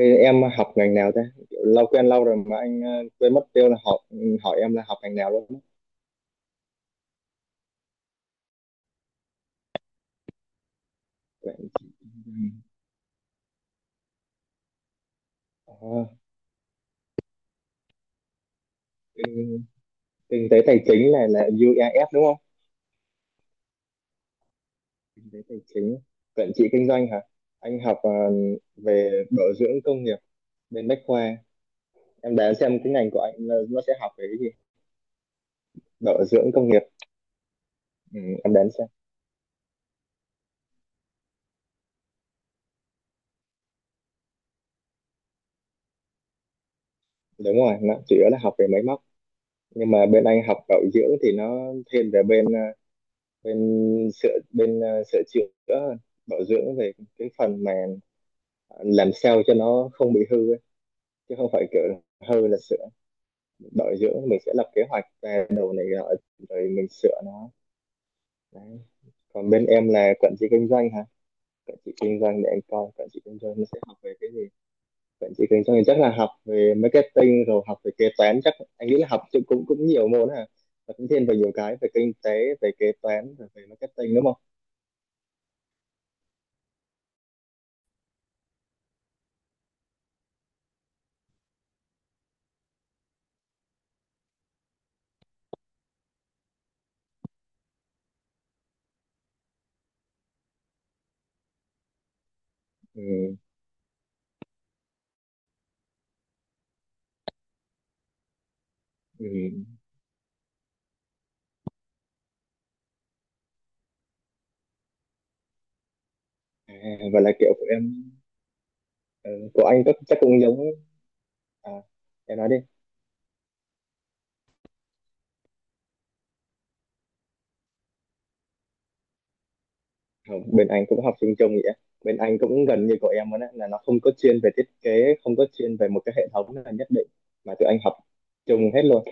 Ê, em học ngành nào thế? Kiểu lâu quen lâu rồi mà anh quên mất tiêu là học, hỏi em là học ngành nào luôn á. Vậy, ờ, kinh, kinh tế tài chính này là UEF đúng không? Kinh tế tài chính, quản trị kinh doanh hả? Anh học về bảo dưỡng công nghiệp bên Bách Khoa. Em đoán xem cái ngành của anh là nó sẽ học về cái gì? Bảo dưỡng công nghiệp. Ừ, em đoán xem. Đúng rồi, nó chủ yếu là học về máy móc. Nhưng mà bên anh học bảo dưỡng thì nó thiên về bên bên sửa chữa, bảo dưỡng về cái phần mà làm sao cho nó không bị hư ấy, chứ không phải kiểu hư là sửa. Bảo dưỡng mình sẽ lập kế hoạch ra đầu này nọ, rồi mình sửa nó đấy. Còn bên em là quản trị kinh doanh hả? Quản trị kinh doanh, để anh coi quản trị kinh doanh nó sẽ học về cái gì. Quản trị kinh doanh thì chắc là học về marketing, rồi học về kế toán. Chắc anh nghĩ là học cũng cũng, nhiều môn hả, và cũng thêm về nhiều cái, về kinh tế, về kế toán, về marketing, đúng không? Ừ, ừ. À, vậy là kiểu của em, ờ, của anh chắc chắc cũng giống. À, em nói đi. Không, bên anh cũng học sinh chung vậy á. Bên anh cũng gần như của em luôn, là nó không có chuyên về thiết kế, không có chuyên về một cái hệ thống là nhất định, mà tụi anh học chung hết luôn.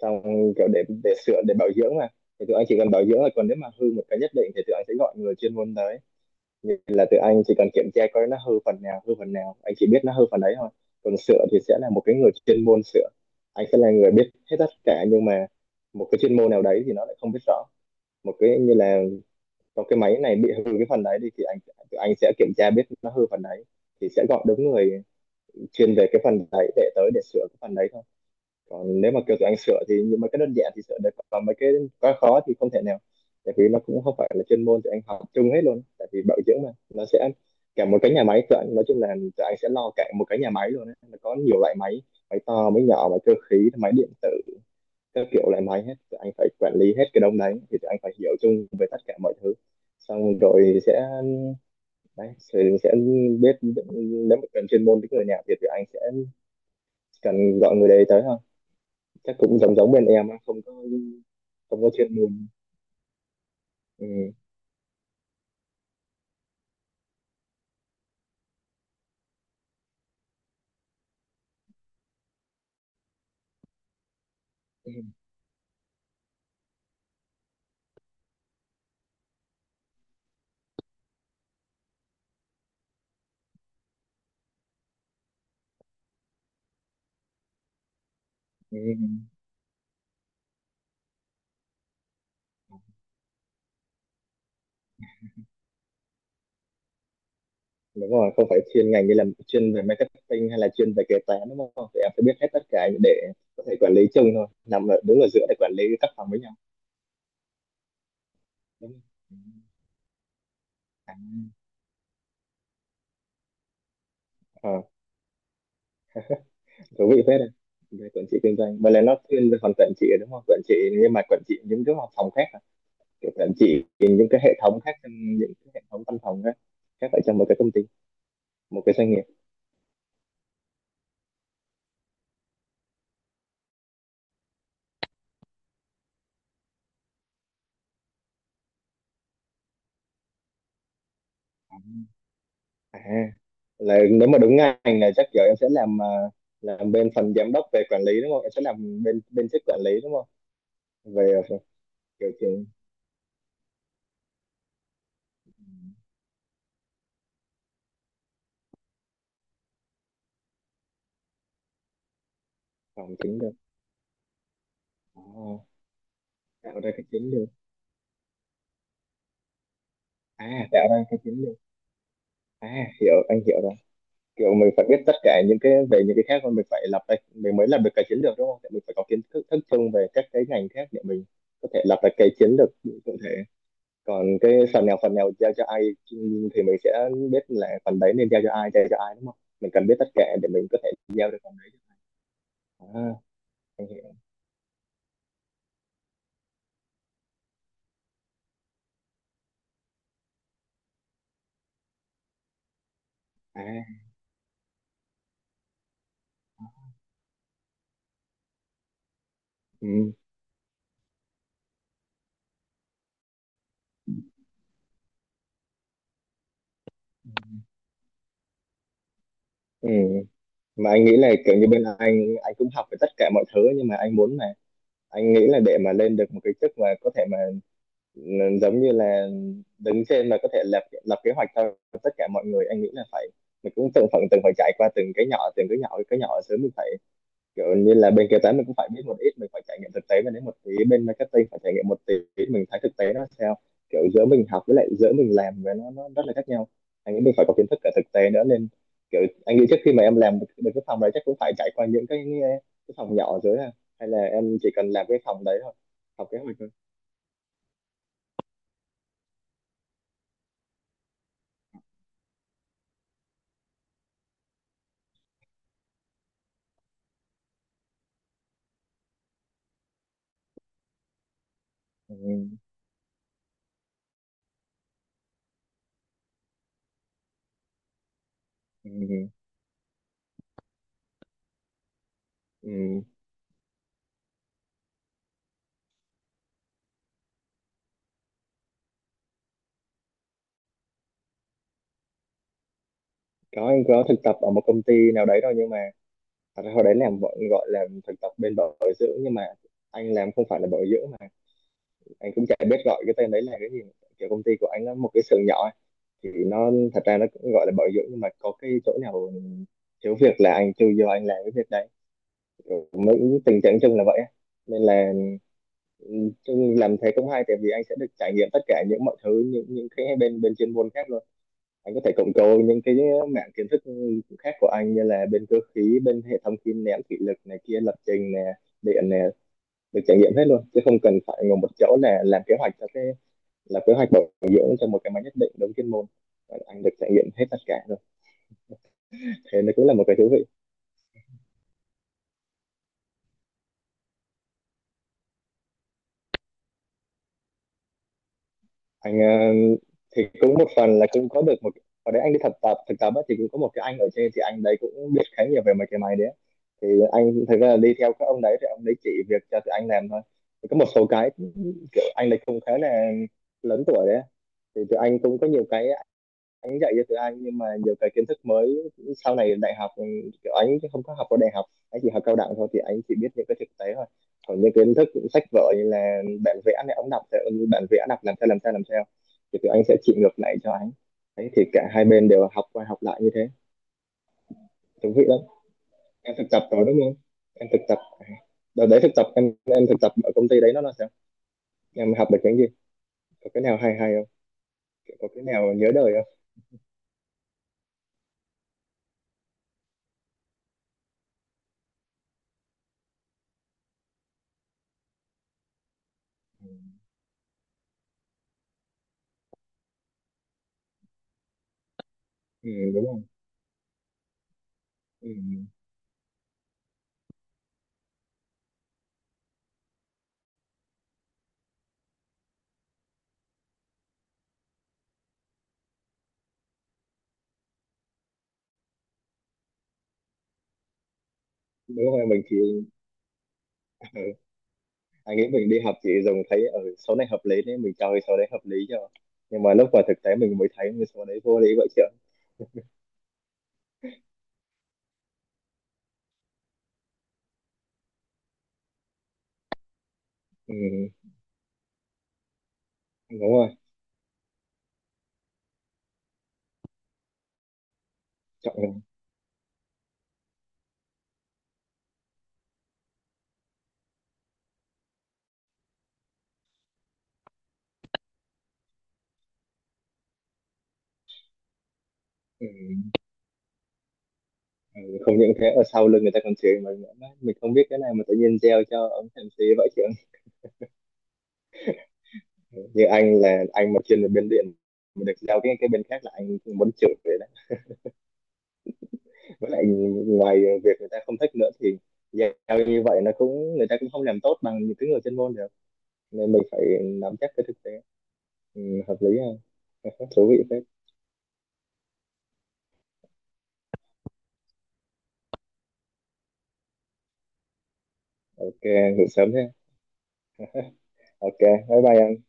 Xong kiểu để sửa, để bảo dưỡng mà, thì tụi anh chỉ cần bảo dưỡng là, còn nếu mà hư một cái nhất định thì tụi anh sẽ gọi người chuyên môn tới. Nên là tụi anh chỉ cần kiểm tra coi nó hư phần nào, anh chỉ biết nó hư phần đấy thôi. Còn sửa thì sẽ là một cái người chuyên môn sửa. Anh sẽ là người biết hết tất cả, nhưng mà một cái chuyên môn nào đấy thì nó lại không biết rõ. Một cái như là trong cái máy này bị hư cái phần đấy đi, thì tụi anh sẽ kiểm tra biết nó hư phần đấy, thì sẽ gọi đúng người chuyên về cái phần đấy để tới để sửa cái phần đấy thôi. Còn nếu mà kiểu tụi anh sửa thì những mấy cái đơn giản thì sửa được, còn mấy cái quá khó thì không thể nào, tại vì nó cũng không phải là chuyên môn. Tụi anh học chung hết luôn, tại vì bảo dưỡng mà, nó sẽ cả một cái nhà máy. Tụi anh nói chung là tụi anh sẽ lo cả một cái nhà máy luôn ấy. Nó có nhiều loại máy, máy to, máy nhỏ, máy cơ khí, máy điện tử, các kiểu loại máy hết, tụi anh phải quản lý hết cái đống đấy, thì tụi anh phải hiểu chung về tất cả mọi thứ. Xong rồi sẽ biết, nếu mà cần chuyên môn với người nào thì tụi anh sẽ cần gọi người đấy tới thôi. Chắc cũng giống giống bên em á, không có chuyên môn. Ừ. Ừ. Ừ. Đúng rồi, không phải chuyên ngành, như là chuyên về marketing hay là chuyên về kế toán, đúng không? Thì em phải biết hết tất cả để có thể quản lý chung thôi, đứng ở giữa để quản lý các phòng với nhau, đúng không? Ừ. À, ờ, thú vị phết đấy. Về quản trị kinh doanh mà, là nó thiên về phần quản trị, đúng không? Quản trị, nhưng mà quản trị những cái phòng khác à? Kiểu quản trị những cái hệ thống khác, trong những cái hệ thống văn phòng khác khác, ở trong một cái công ty, một cái doanh nghiệp. À là, nếu mà đúng ngành là chắc giờ em sẽ làm, làm bên phần giám đốc về quản lý, đúng không? Em sẽ làm bên bên chức quản lý, đúng không? Về kiểu trường phòng chính được. À, tạo ra cái chiến được. À, tạo ra cái chiến được. À, hiểu, anh hiểu rồi. Kiểu mình phải biết tất cả những cái về những cái khác, còn mình phải lập ra, mình mới làm được cái chiến lược, đúng không? Tại mình phải có kiến thức thức chung về các cái ngành khác để mình có thể lập ra cái chiến lược cụ thể. Còn cái phần nào giao cho ai, thì mình sẽ biết là phần đấy nên giao cho ai, giao cho ai, đúng không? Mình cần biết tất cả để mình có thể giao được phần đấy. À, anh hiểu. À, ừ, ừ. Mà anh nghĩ là kiểu như bên anh cũng học về tất cả mọi thứ, nhưng mà anh muốn là, anh nghĩ là để mà lên được một cái chức mà có thể mà, giống như là đứng trên mà có thể lập lập kế hoạch cho tất cả mọi người, anh nghĩ là phải, mình cũng từng phần, từng phải trải qua từng cái nhỏ, từng cái nhỏ, cái nhỏ sớm. Mình phải kiểu như là bên kế toán mình cũng phải biết một ít, mình phải trải nghiệm thực tế, và đến một tí bên marketing phải trải nghiệm một tí, mình thấy thực tế nó sao. Kiểu giữa mình học với lại giữa mình làm với, nó rất là khác nhau. Anh nghĩ mình phải có kiến thức cả thực tế nữa, nên kiểu anh nghĩ trước khi mà em làm được được cái phòng đấy chắc cũng phải trải qua những cái phòng nhỏ dưới, à, hay là em chỉ cần làm cái phòng đấy thôi, học kế hoạch thôi. Ừ, ừ, ừ. Ừ. Có, anh có thực tập ở một công ty nào đấy thôi, nhưng mà thật ra hồi đấy làm gọi gọi là thực tập bên bảo dưỡng, nhưng mà anh làm không phải là bảo dưỡng, mà anh cũng chả biết gọi cái tên đấy là cái gì. Kiểu công ty của anh nó một cái xưởng nhỏ ấy, thì nó thật ra nó cũng gọi là bảo dưỡng, nhưng mà có cái chỗ nào thiếu việc là anh chui vô anh làm cái việc đấy. Kiểu tình trạng chung là vậy á. Nên là, ừ, chung làm thế cũng hay, tại vì anh sẽ được trải nghiệm tất cả những mọi thứ, những cái bên bên chuyên môn khác luôn. Anh có thể cộng cố những cái mảng kiến thức khác của anh, như là bên cơ khí, bên hệ thống kim nén thủy lực này kia, lập trình này, điện này, được trải nghiệm hết luôn, chứ không cần phải ngồi một chỗ là làm kế hoạch cho cái, là kế hoạch bảo dưỡng cho một cái máy nhất định đúng chuyên môn. Anh được trải nghiệm hết tất cả rồi, thế nó cũng là một cái thú vị. Anh thì cũng một phần là cũng có được một, ở đấy anh đi thực tập, thực tập á, thì cũng có một cái anh ở trên, thì anh đấy cũng biết khá nhiều về mấy cái máy đấy, thì anh thực ra là đi theo các ông đấy, thì ông đấy chỉ việc cho tụi anh làm thôi. Thì có một số cái, kiểu anh đấy không khá là lớn tuổi đấy, thì tụi anh cũng có nhiều cái anh dạy cho tiếng Anh, nhưng mà nhiều cái kiến thức mới sau này đại học, kiểu anh không có học ở đại học, anh chỉ học cao đẳng thôi, thì anh chỉ biết những cái thực tế thôi. Còn những kiến thức sách vở như là bản vẽ này, ông đọc theo bản vẽ đọc làm sao làm sao làm sao, thì tụi anh sẽ chỉ ngược lại cho anh đấy, thì cả hai bên đều học qua học lại như thế. Thú vị lắm. Em thực tập rồi đúng không? Em thực tập à? Đợt đấy thực tập em thực tập ở công ty đấy nó là sao, em học được cái gì, có cái nào hay hay không, có cái nào nhớ đời không? Ừ, đúng không? Ừ, đúng không em, mình thì, ừ. Anh nghĩ mình đi học thì dùng thấy ở, số này hợp lý nên mình cho cái số đấy hợp lý cho, nhưng mà lúc vào thực tế mình mới thấy cái số đấy vô lý vậy chứ. Ừ, đúng rồi. Chọn lọc. Ừ, ừ, không những thế, ở sau lưng người ta còn chửi mình nữa. Đấy, mình không biết cái này mà tự nhiên gieo cho ông MC vậy chứ. Như anh là anh mà chuyên về bên điện mà được giao cái bên khác là anh muốn chửi vậy đấy. Với lại ngoài việc người ta không thích nữa, thì giao như vậy nó cũng, người ta cũng không làm tốt bằng những cái người chuyên môn được, nên mình phải nắm chắc cái thực tế. Ừ, hợp lý ha. Thú vị phết. Ok, ngủ sớm thế. Ok, bye bye em.